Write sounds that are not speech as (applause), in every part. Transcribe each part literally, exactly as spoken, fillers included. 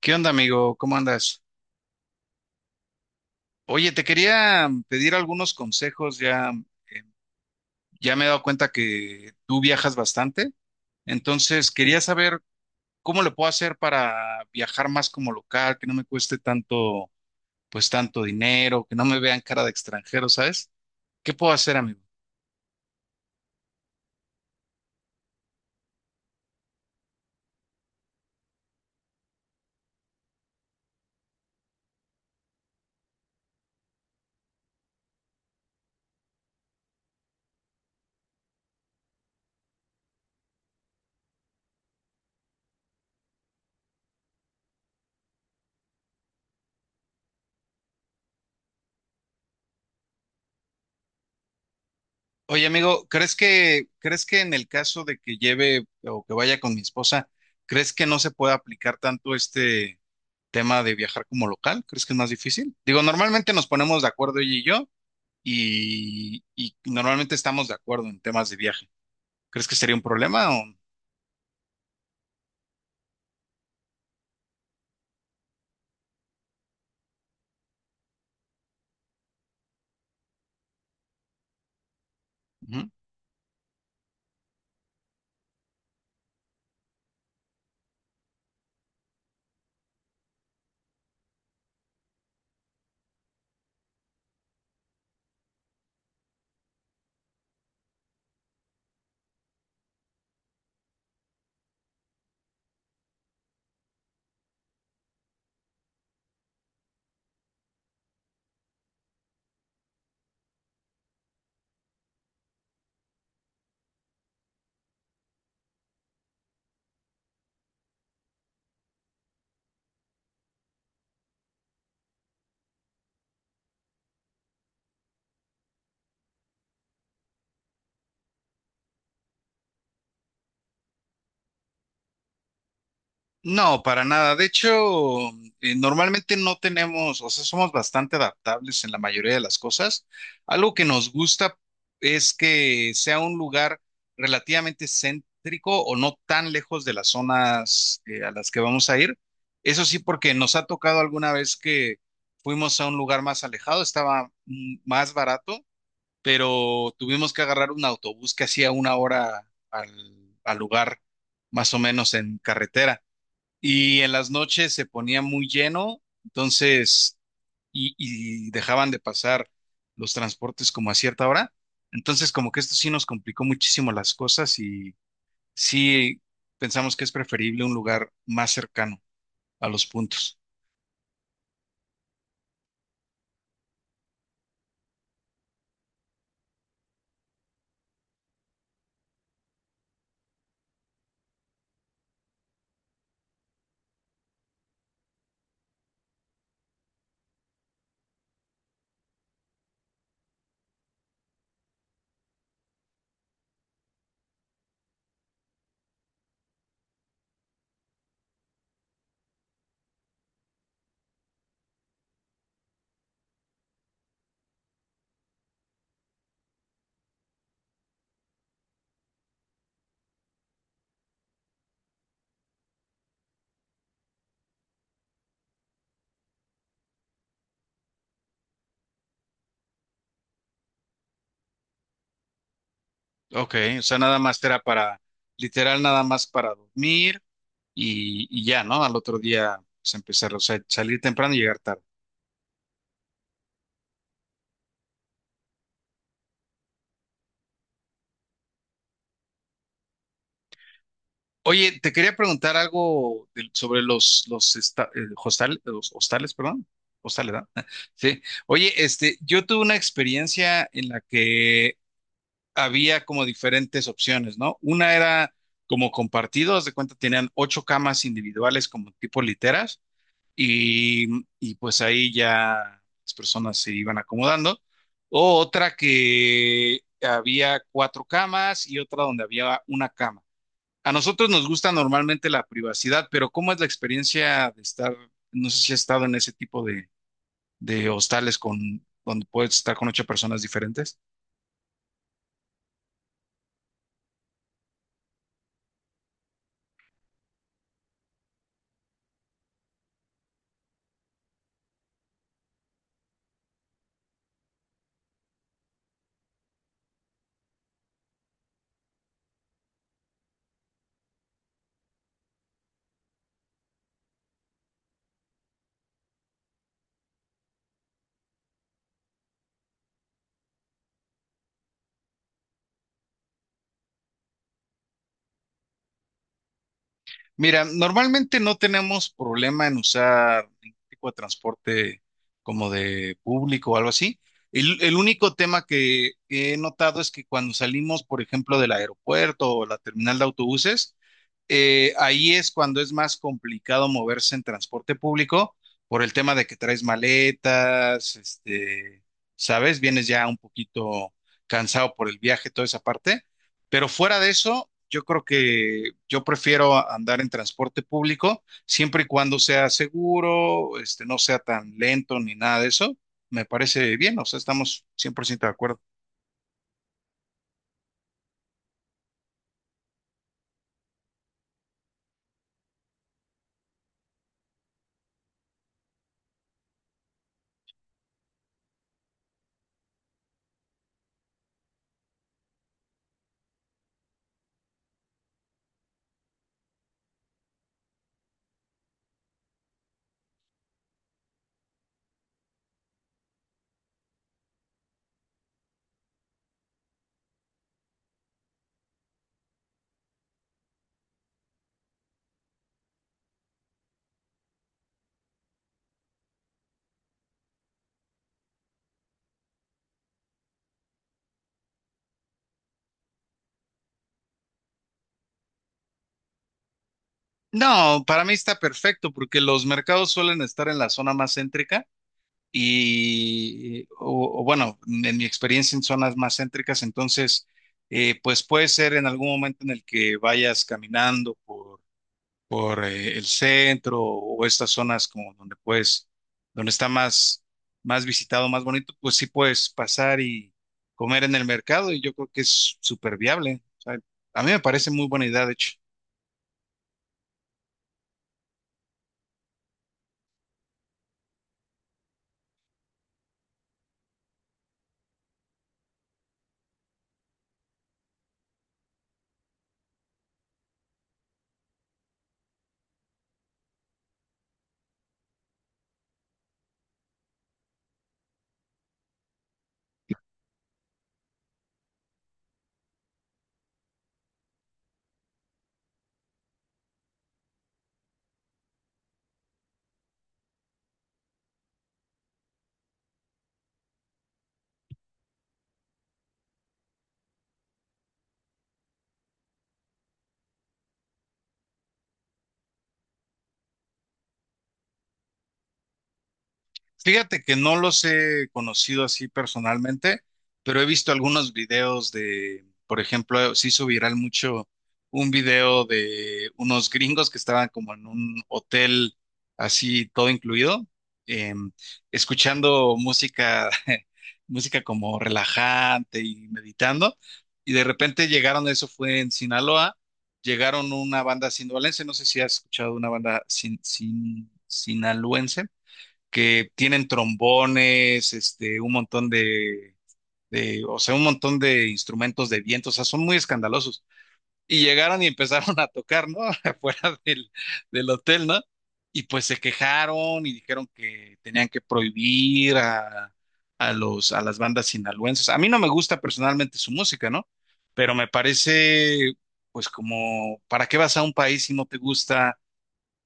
¿Qué onda, amigo? ¿Cómo andas? Oye, te quería pedir algunos consejos. Ya, ya me he dado cuenta que tú viajas bastante. Entonces, quería saber cómo lo puedo hacer para viajar más como local, que no me cueste tanto, pues tanto dinero, que no me vean cara de extranjero, ¿sabes? ¿Qué puedo hacer, amigo? Oye, amigo, ¿crees que, crees que en el caso de que lleve o que vaya con mi esposa, ¿crees que no se pueda aplicar tanto este tema de viajar como local? ¿Crees que es más difícil? Digo, normalmente nos ponemos de acuerdo ella y yo y, y normalmente estamos de acuerdo en temas de viaje. ¿Crees que sería un problema o... Ujú. No, para nada. De hecho, eh, normalmente no tenemos, o sea, somos bastante adaptables en la mayoría de las cosas. Algo que nos gusta es que sea un lugar relativamente céntrico o no tan lejos de las zonas eh, a las que vamos a ir. Eso sí, porque nos ha tocado alguna vez que fuimos a un lugar más alejado, estaba mm, más barato, pero tuvimos que agarrar un autobús que hacía una hora al al lugar, más o menos en carretera. Y en las noches se ponía muy lleno, entonces, y, y dejaban de pasar los transportes como a cierta hora. Entonces, como que esto sí nos complicó muchísimo las cosas y sí pensamos que es preferible un lugar más cercano a los puntos. Ok, o sea, nada más era para, literal, nada más para dormir y, y ya, ¿no? Al otro día, pues empezar, o sea, salir temprano y llegar tarde. Oye, te quería preguntar algo del- sobre los, los, esta- eh, hostal- los hostales, perdón. Hostales, ¿verdad? (laughs) Sí. Oye, este, yo tuve una experiencia en la que había como diferentes opciones, ¿no? Una era como compartido, haz de cuenta, tenían ocho camas individuales como tipo literas y, y pues ahí ya las personas se iban acomodando. O otra que había cuatro camas y otra donde había una cama. A nosotros nos gusta normalmente la privacidad, pero ¿cómo es la experiencia de estar, no sé si has estado en ese tipo de, de hostales con, donde puedes estar con ocho personas diferentes? Mira, normalmente no tenemos problema en usar ningún tipo de transporte como de público o algo así. El, el único tema que he notado es que cuando salimos, por ejemplo, del aeropuerto o la terminal de autobuses, eh, ahí es cuando es más complicado moverse en transporte público por el tema de que traes maletas, este, sabes, vienes ya un poquito cansado por el viaje, toda esa parte. Pero fuera de eso, yo creo que yo prefiero a- andar en transporte público siempre y cuando sea seguro, este, no sea tan lento ni nada de eso. Me parece bien, o sea, estamos cien por ciento de acuerdo. No, para mí está perfecto porque los mercados suelen estar en la zona más céntrica y, o, o bueno, en mi experiencia en zonas más céntricas, entonces, eh, pues puede ser en algún momento en el que vayas caminando por por eh, el centro o estas zonas como donde puedes, donde está más, más visitado, más bonito, pues sí puedes pasar y comer en el mercado y yo creo que es súper viable. O sea, a mí me parece muy buena idea, de hecho. Fíjate que no los he conocido así personalmente, pero he visto algunos videos de, por ejemplo, se hizo viral mucho un video de unos gringos que estaban como en un hotel así todo incluido, em, escuchando música, (laughs) música como relajante y meditando, y de repente llegaron, eso fue en Sinaloa, llegaron una banda sinaloense, no sé si has escuchado una banda sin, sin- sinaloense que tienen trombones, este, un montón de, de, o sea, un montón de instrumentos de viento, o sea, son muy escandalosos. Y llegaron y empezaron (laughs) a tocar, ¿no? (laughs) Afuera del, del hotel, ¿no? Y pues se quejaron y dijeron que tenían que prohibir a, a los, a las bandas sinaloenses. A mí no me gusta personalmente su música, ¿no? Pero me parece, pues como, ¿para qué vas a un país si no te gusta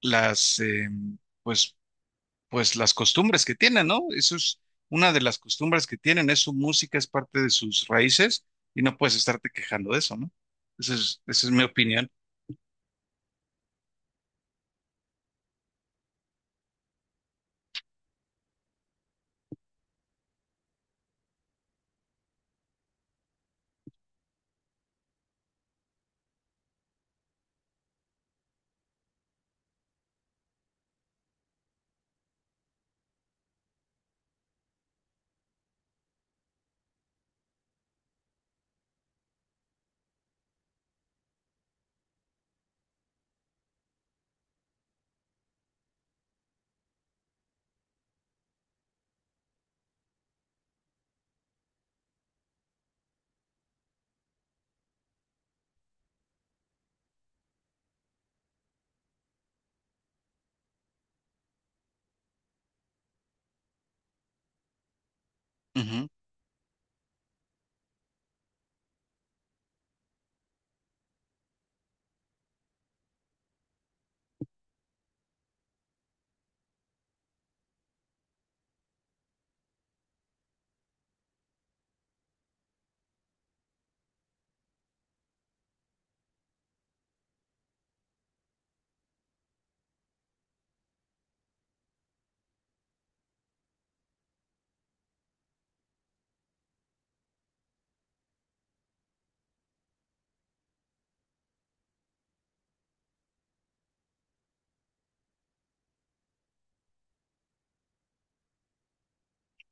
las, eh, pues pues las costumbres que tienen, ¿no? Eso es una de las costumbres que tienen, es su música, es parte de sus raíces y no puedes estarte quejando de eso, ¿no? Esa es, esa es mi opinión. Ujú,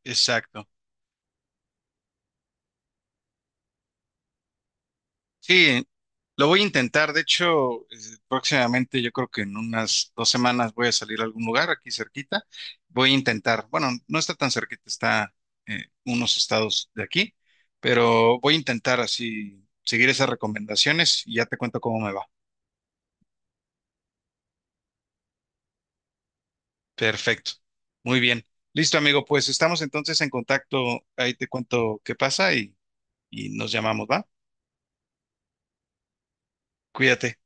exacto. Sí, lo voy a intentar. De hecho, eh, próximamente, yo creo que en unas dos semanas voy a salir a algún lugar aquí cerquita. Voy a intentar, bueno, no está tan cerquita, está eh, unos estados de aquí, pero voy a intentar así seguir esas recomendaciones y ya te cuento cómo me va. Perfecto. Muy bien. Listo, amigo. Pues estamos entonces en contacto. Ahí te cuento qué pasa y, y nos llamamos, ¿va? Cuídate.